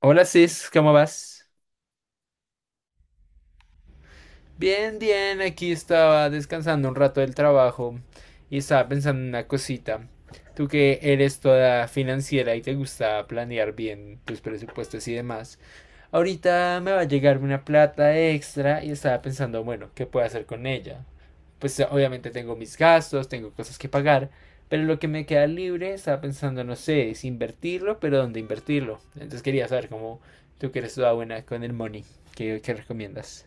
Hola Cis, ¿cómo vas? Bien, bien, aquí estaba descansando un rato del trabajo y estaba pensando en una cosita. Tú que eres toda financiera y te gusta planear bien tus presupuestos y demás, ahorita me va a llegar una plata extra y estaba pensando, bueno, ¿qué puedo hacer con ella? Pues obviamente tengo mis gastos, tengo cosas que pagar, pero lo que me queda libre estaba pensando, no sé, es invertirlo, pero ¿dónde invertirlo? Entonces quería saber cómo, tú que eres toda buena con el money, ¿¿qué recomiendas?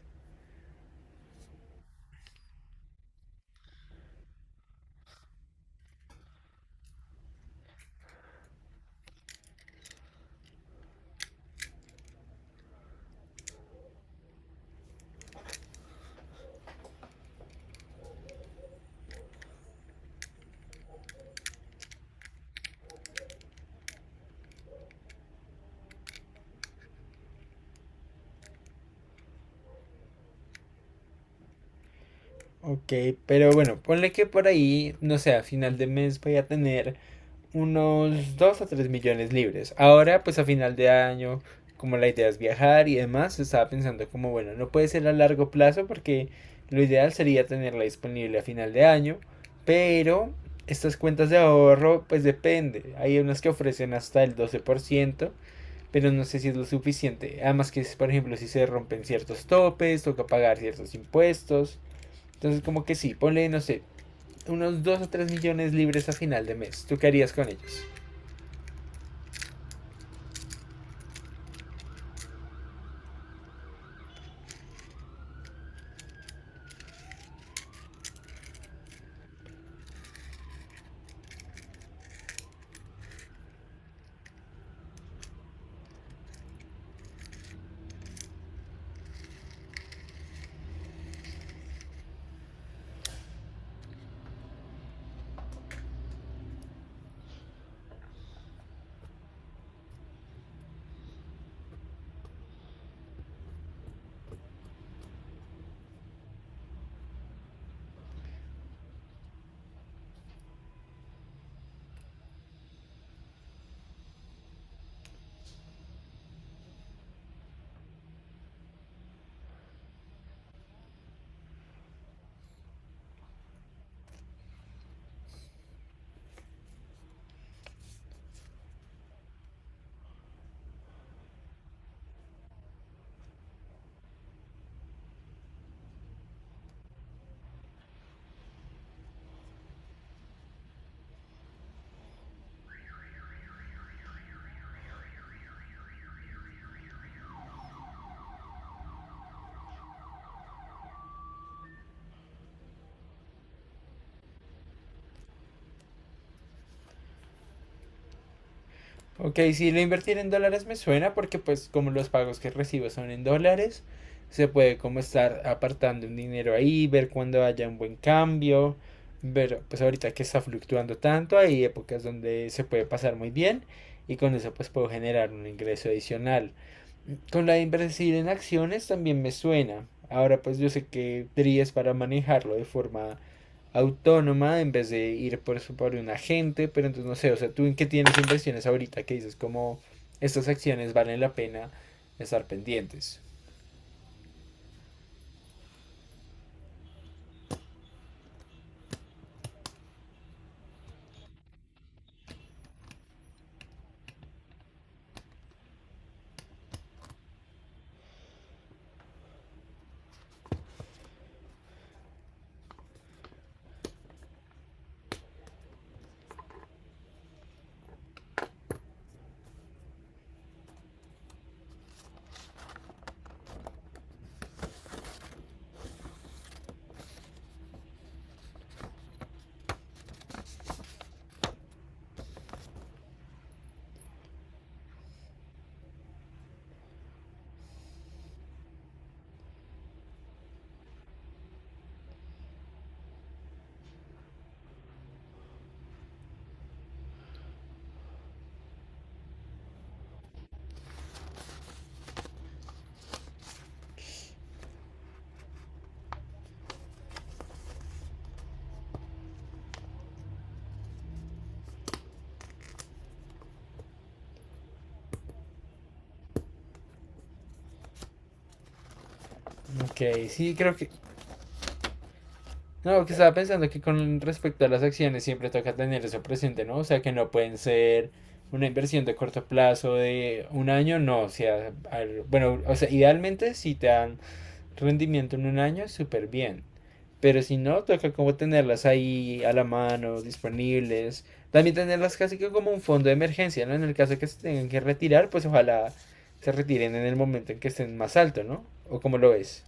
Ok, pero bueno, ponle que por ahí, no sé, a final de mes voy a tener unos 2 a 3 millones libres. Ahora, pues a final de año, como la idea es viajar y demás, estaba pensando como, bueno, no puede ser a largo plazo porque lo ideal sería tenerla disponible a final de año, pero estas cuentas de ahorro, pues depende. Hay unas que ofrecen hasta el 12%, pero no sé si es lo suficiente. Además que, por ejemplo, si se rompen ciertos topes, toca pagar ciertos impuestos. Entonces, como que sí, ponle, no sé, unos 2 o 3 millones libres a final de mes. ¿Tú qué harías con ellos? Ok, si lo invertir en dólares me suena porque, pues, como los pagos que recibo son en dólares, se puede como estar apartando un dinero ahí, ver cuando haya un buen cambio, ver pues ahorita que está fluctuando tanto, hay épocas donde se puede pasar muy bien y con eso pues puedo generar un ingreso adicional. Con la de invertir en acciones también me suena. Ahora pues yo sé que DRI es para manejarlo de forma autónoma en vez de ir por eso por un agente, pero entonces no sé, o sea, tú en qué tienes inversiones ahorita que dices como estas acciones valen la pena estar pendientes. Ok, sí, creo que... No, que estaba pensando que con respecto a las acciones siempre toca tener eso presente, ¿no? O sea, que no pueden ser una inversión de corto plazo de un año, no, o sea, al- bueno, o sea, idealmente si te dan rendimiento en un año, súper bien. Pero si no, toca como tenerlas ahí a la mano, disponibles. También tenerlas casi que como un fondo de emergencia, ¿no? En el caso de que se tengan que retirar, pues ojalá se retiren en el momento en que estén más alto, ¿no? ¿O como lo ves?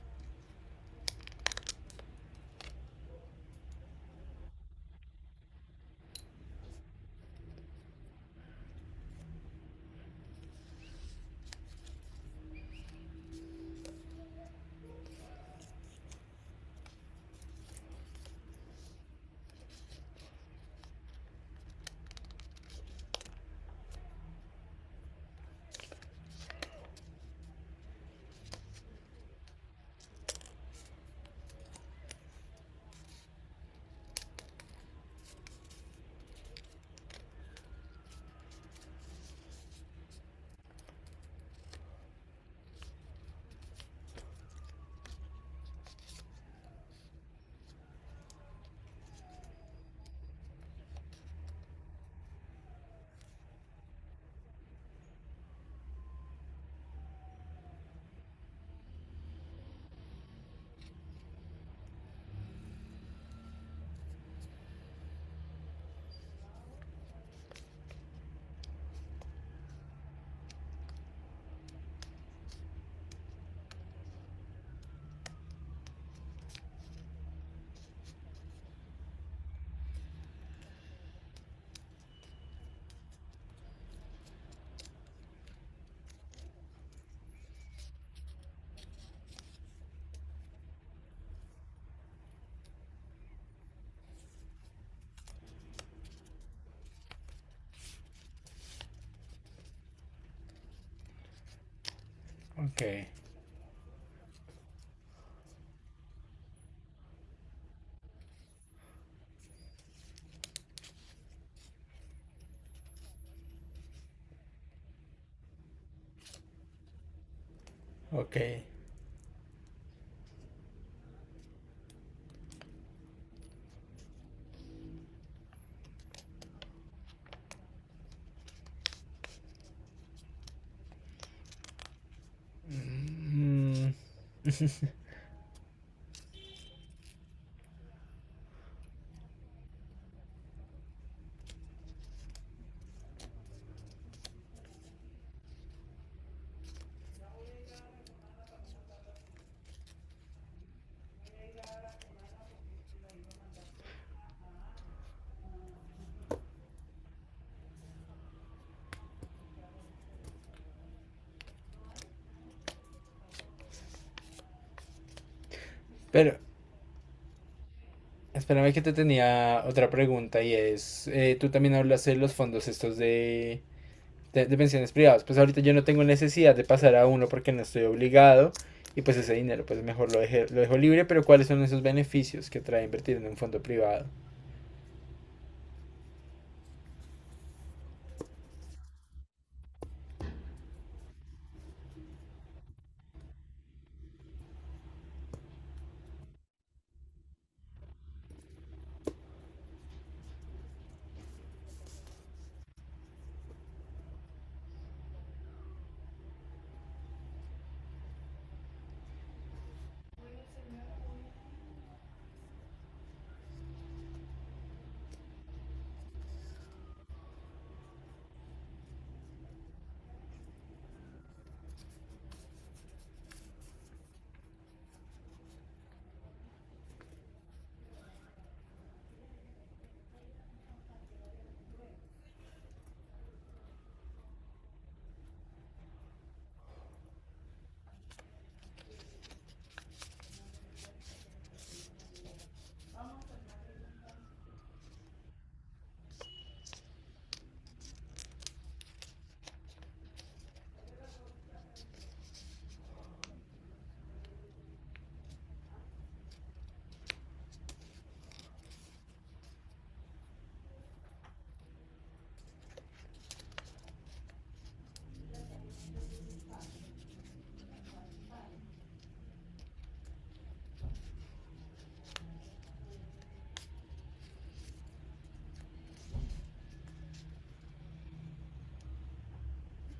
Ok, ok. Mm, pero, espérame que te tenía otra pregunta y es, tú también hablas de los fondos estos de pensiones privadas. Pues ahorita yo no tengo necesidad de pasar a uno porque no estoy obligado y pues ese dinero pues mejor lo, deje- lo dejo libre, pero ¿cuáles son esos beneficios que trae invertir en un fondo privado?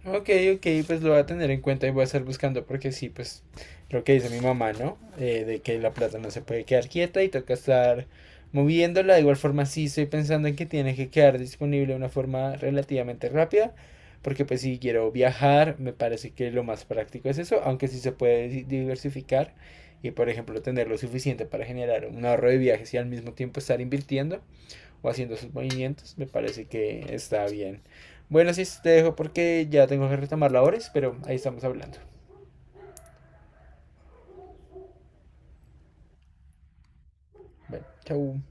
Ok, ok, pues lo voy a tener en cuenta y voy a estar buscando porque sí, pues lo que dice mi mamá, ¿no? De que la plata no se puede quedar quieta y toca estar moviéndola. De igual forma, sí estoy pensando en que tiene que quedar disponible de una forma relativamente rápida porque pues si quiero viajar, me parece que lo más práctico es eso, aunque sí se puede di- diversificar y por ejemplo tener lo suficiente para generar un ahorro de viajes y al mismo tiempo estar invirtiendo o haciendo sus movimientos, me parece que está bien. Bueno, sí, te dejo porque ya tengo que retomar labores, pero ahí estamos hablando. Bueno, chau.